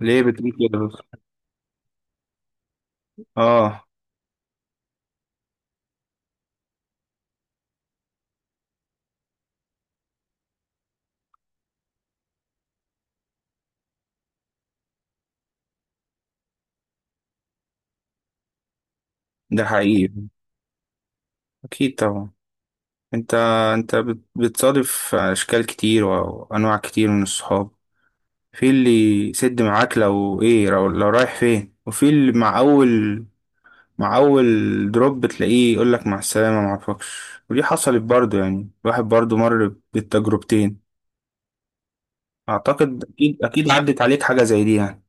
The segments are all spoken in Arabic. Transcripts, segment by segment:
ليه بتقول كده بس؟ اه. ده حقيقي. اكيد طبعا. انت انت بتصادف اشكال كتير وانواع كتير من الصحاب. في اللي يسد معاك لو ايه، لو رايح فين، وفي اللي مع اول دروب بتلاقيه يقولك مع السلامة معرفكش. ودي حصلت برضو، يعني الواحد برضو مر بالتجربتين. اعتقد اكيد عدت عليك حاجة زي دي يعني.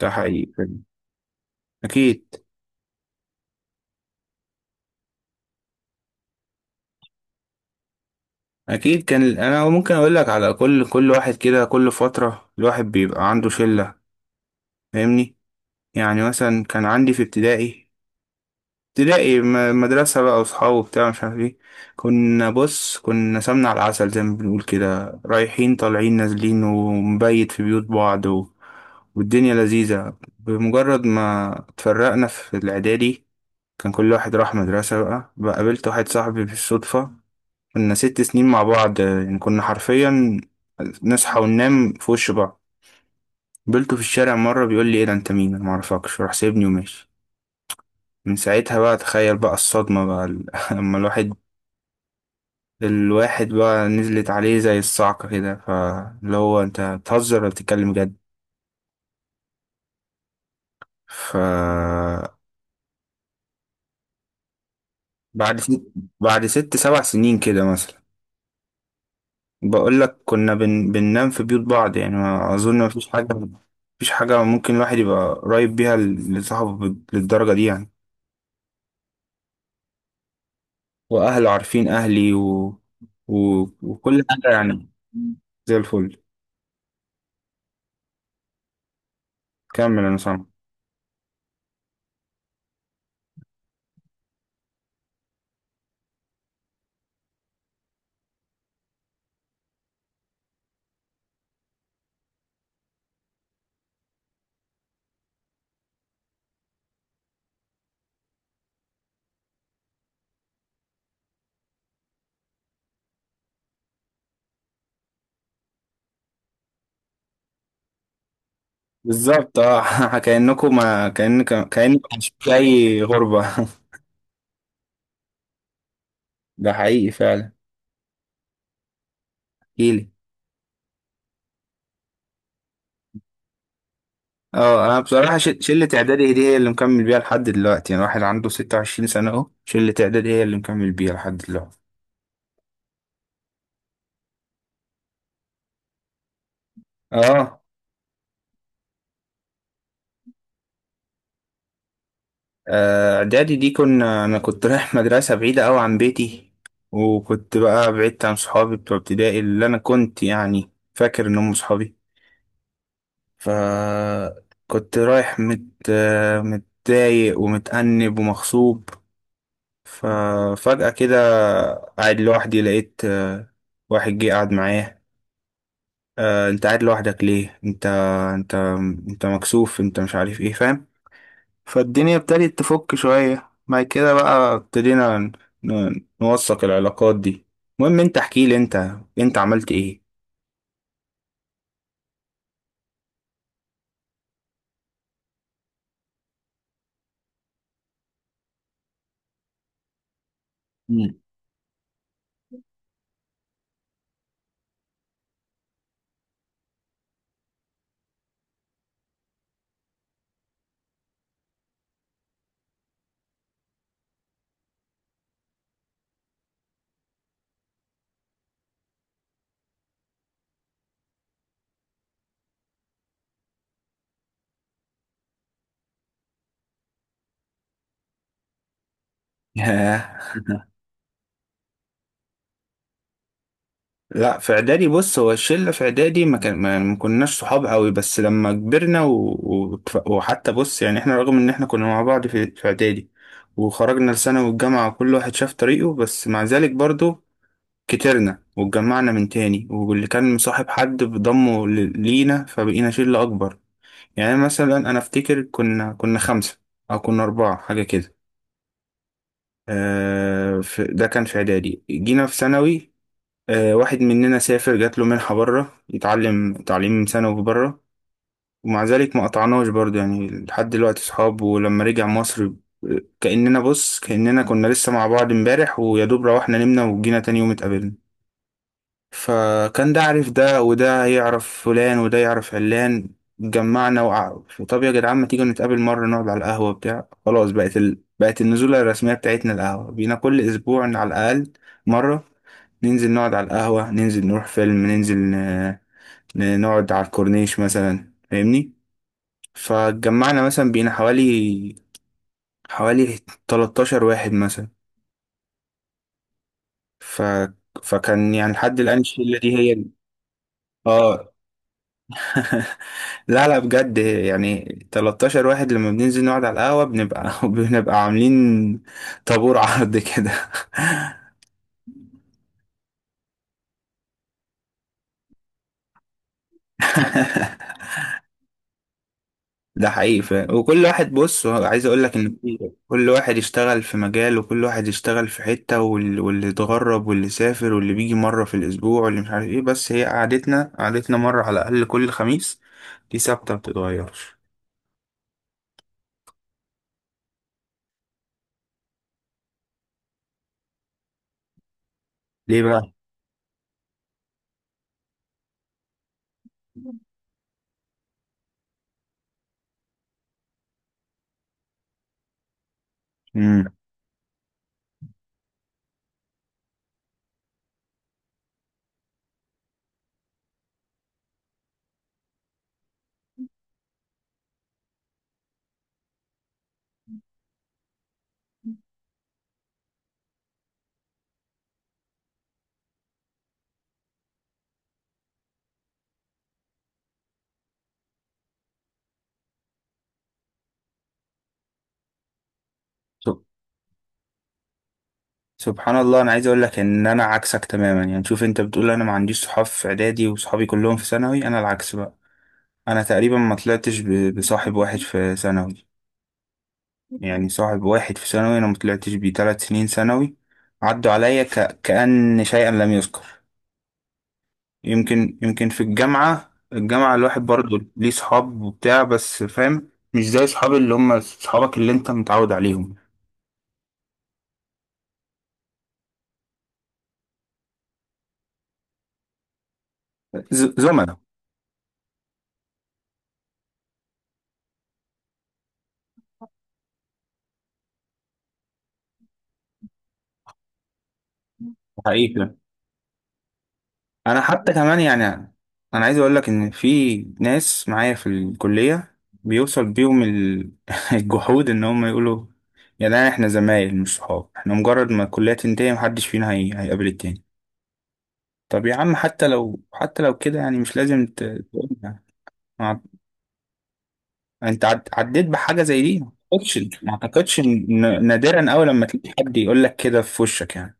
ده حقيقي. اكيد. اكيد انا ممكن اقول لك على كل واحد، كده كل فتره الواحد بيبقى عنده شله، فاهمني؟ يعني مثلا كان عندي في ابتدائي مدرسه بقى واصحاب وبتاع مش عارف ايه. كنا، بص، كنا سمنه على العسل زي ما بنقول كده، رايحين طالعين نازلين ومبيت في بيوت بعض والدنيا لذيذه. بمجرد ما اتفرقنا في الاعدادي كان كل واحد راح مدرسه بقى. قابلت واحد صاحبي بالصدفه، كنا ست سنين مع بعض يعني، كنا حرفيا نصحى وننام في وش بعض. قابلته في الشارع مرة بيقول لي ايه ده انت مين، انا معرفكش، راح سايبني وماشي. من ساعتها بقى تخيل بقى الصدمة بقى لما الواحد، الواحد بقى نزلت عليه زي الصعقة كده، فاللي هو انت بتهزر ولا بتتكلم جد؟ ف بعد ست بعد ست سبع سنين كده مثلا. بقول لك كنا بننام في بيوت بعض، يعني ما اظن مفيش حاجه، مفيش حاجه ممكن الواحد يبقى قريب بيها لصاحبه للدرجه دي يعني. واهله عارفين اهلي وكل حاجه يعني. زي الفل. كمل انا سامع. بالظبط، اه. كانكم، ما كان كانك مش في اي غربه. ده حقيقي فعلا. احكيلي. اه، انا بصراحه شله اعدادي دي هي اللي مكمل بيها لحد دلوقتي، يعني واحد عنده 26 سنه اهو، شله اعدادي هي اللي مكمل بيها لحد دلوقتي. اه. آه، اعدادي دي كنا، انا كنت رايح مدرسه بعيده قوي عن بيتي، وكنت بقى بعدت عن صحابي بتوع ابتدائي اللي انا كنت يعني فاكر ان هم صحابي. فكنت رايح آه، متضايق ومتأنب ومغصوب. ففجأة كده قاعد لوحدي لقيت واحد جه قعد معايا. انت قاعد لوحدك ليه؟ انت، انت انت مكسوف، انت مش عارف ايه، فاهم؟ فالدنيا ابتدت تفك شوية بعد كده، بقى ابتدينا نوثق العلاقات دي. المهم انت احكي لي، انت عملت ايه؟ ياه. لا، في اعدادي بص، هو الشلة في اعدادي ما كان، ما كناش صحاب قوي، بس لما كبرنا وحتى، بص يعني، احنا رغم ان احنا كنا مع بعض في اعدادي وخرجنا لثانوي والجامعة وكل واحد شاف طريقه، بس مع ذلك برضو كترنا واتجمعنا من تاني، واللي كان مصاحب حد بضمه لينا، فبقينا شلة اكبر. يعني مثلا انا افتكر كنا خمسة، او كنا اربعة حاجة كده. آه، في ده كان في اعدادي، جينا في ثانوي، آه، واحد مننا سافر، جات له منحة بره يتعلم تعليم ثانوي بره، ومع ذلك ما قطعناش برضه يعني، لحد دلوقتي صحاب. ولما رجع مصر، آه، كأننا، بص، كأننا كنا لسه مع بعض امبارح، ويا دوب روحنا نمنا وجينا تاني يوم اتقابلنا. فكان ده عارف ده، وده يعرف فلان، وده يعرف علان، جمعنا. وطب يا جدعان ما تيجوا نتقابل مرة نقعد على القهوة بتاع. خلاص بقت النزولة الرسمية بتاعتنا القهوة، بينا كل أسبوع على الأقل مرة، ننزل نقعد على القهوة، ننزل نروح فيلم، ننزل نقعد على الكورنيش مثلا، فاهمني؟ فجمعنا مثلا بينا حوالي 13 واحد مثلا، ف... فكان يعني لحد الآن الشلة دي هي. اه. لا لا، بجد يعني، 13 واحد لما بننزل نقعد على القهوة بنبقى بنبقى عاملين طابور عرض كده. ده حقيقي فعلا. وكل واحد، بص، هو عايز اقول لك ان كل واحد يشتغل في مجال، وكل واحد يشتغل في حتة، واللي اتغرب، واللي سافر، واللي بيجي مرة في الاسبوع، واللي مش عارف ايه، بس هي قعدتنا مرة على الاقل كل خميس دي ثابتة ما بتتغيرش. ليه بقى؟ مم. سبحان الله، انا عايز اقول لك ان انا عكسك تماما يعني، شوف، انت بتقول انا ما عنديش صحاب في اعدادي وصحابي كلهم في ثانوي، انا العكس بقى. انا تقريبا ما طلعتش بصاحب واحد في ثانوي، يعني صاحب واحد في ثانوي انا ما طلعتش بيه ثلاث سنين ثانوي، عدوا عليا كأن شيئا لم يذكر. يمكن، في الجامعة، الواحد برضه ليه صحاب وبتاع، بس فاهم، مش زي صحاب، اللي هم صحابك اللي انت متعود عليهم. زملاء. حقيقي. انا حتى كمان يعني، انا عايز اقول لك ان في ناس معايا في الكليه بيوصل بيهم الجحود ان هم يقولوا يا جدعان احنا زمايل مش صحاب، احنا مجرد ما الكليه تنتهي محدش فينا هيقابل التاني. طب يا عم، حتى لو، كده يعني، مش لازم تقول يعني. ما- انت عديت بحاجه زي دي؟ ما اعتقدش، نادرا قوي لما تلاقي حد يقول لك كده في وشك يعني.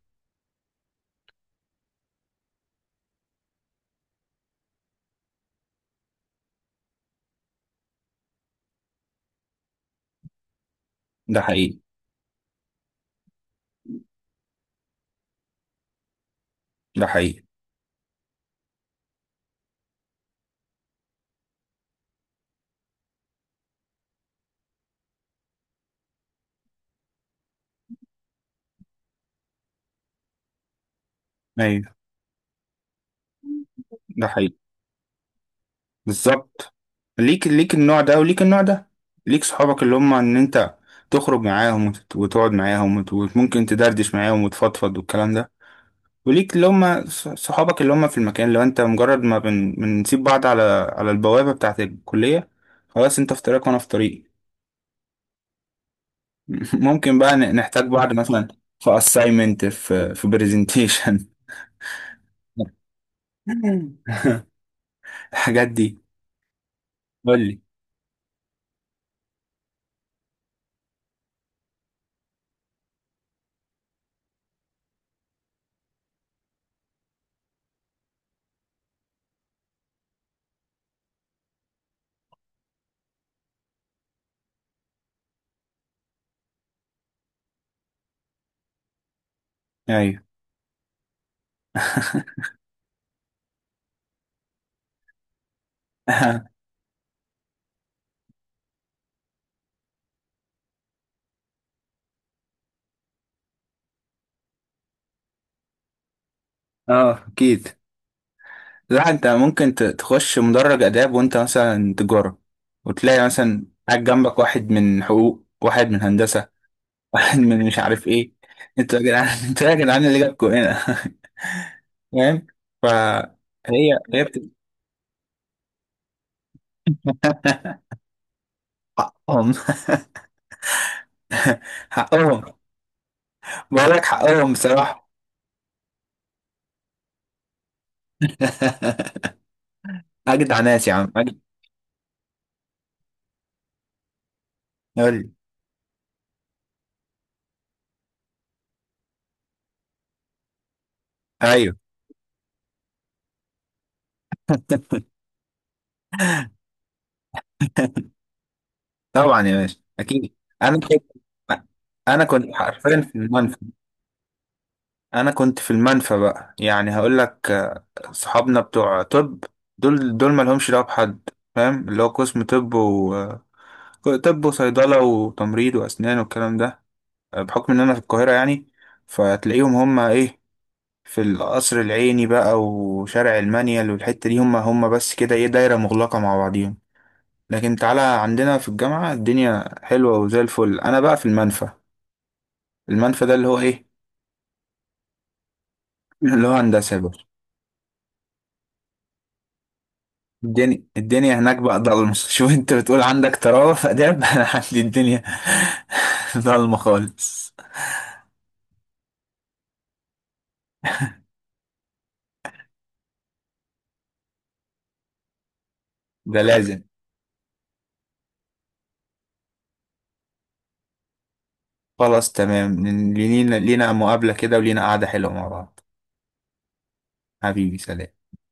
ده حقيقي. ده حقيقي. ايوه. ده حقيقي. بالظبط. ليك النوع ده وليك النوع ده، ليك صحابك اللي هم ان انت تخرج معاهم، وتقعد معاهم، وممكن تدردش معاهم وتفضفض والكلام ده. وليك اللي هم صحابك اللي هم في المكان، اللي هو انت مجرد ما بنسيب بعض على على البوابة بتاعة الكلية خلاص، انت في طريقك وانا في طريقي. ممكن بقى نحتاج بعض مثلا في assignment، في presentation، الحاجات دي. قول لي. ايوه. اه، اكيد. لا، انت ممكن تخش مدرج آداب وانت مثلا تجارة، وتلاقي مثلا قاعد جنبك واحد من حقوق، واحد من هندسة، واحد من مش عارف ايه. انتوا يا جدعان، انتوا يا جدعان اللي جابكوا هنا! فاهم؟ حقهم. حقهم. بقول لك حقهم بصراحة. أجدع ناس يا عم، أجدع. قول لي. أيوه. طبعا يا باشا، أكيد. أنا كنت، حرفيا في المنفى. انا كنت في المنفى بقى، يعني هقول لك، آه، صحابنا بتوع طب، دول ما لهمش دعوه بحد، فاهم؟ اللي هو قسم طب، و، آه، طب، وصيدله، وتمريض، واسنان، والكلام ده. آه، بحكم ان انا في القاهره يعني، فتلاقيهم هم ايه، في القصر العيني بقى وشارع المنيل والحته دي، هم بس كده، ايه، دايره مغلقه مع بعضيهم. لكن تعالى عندنا في الجامعه الدنيا حلوه وزي الفل، انا بقى في المنفى. المنفى ده اللي هو ايه؟ اللي هو هندسه بقى. الدنيا هناك بقى ضلمة. شوف انت بتقول عندك طراوة في آداب، انا عندي الدنيا ضلمة خالص. ده لازم. خلاص تمام. لينا مقابلة كده، ولينا قعدة حلوة مع بعض. حبيبي، سلام.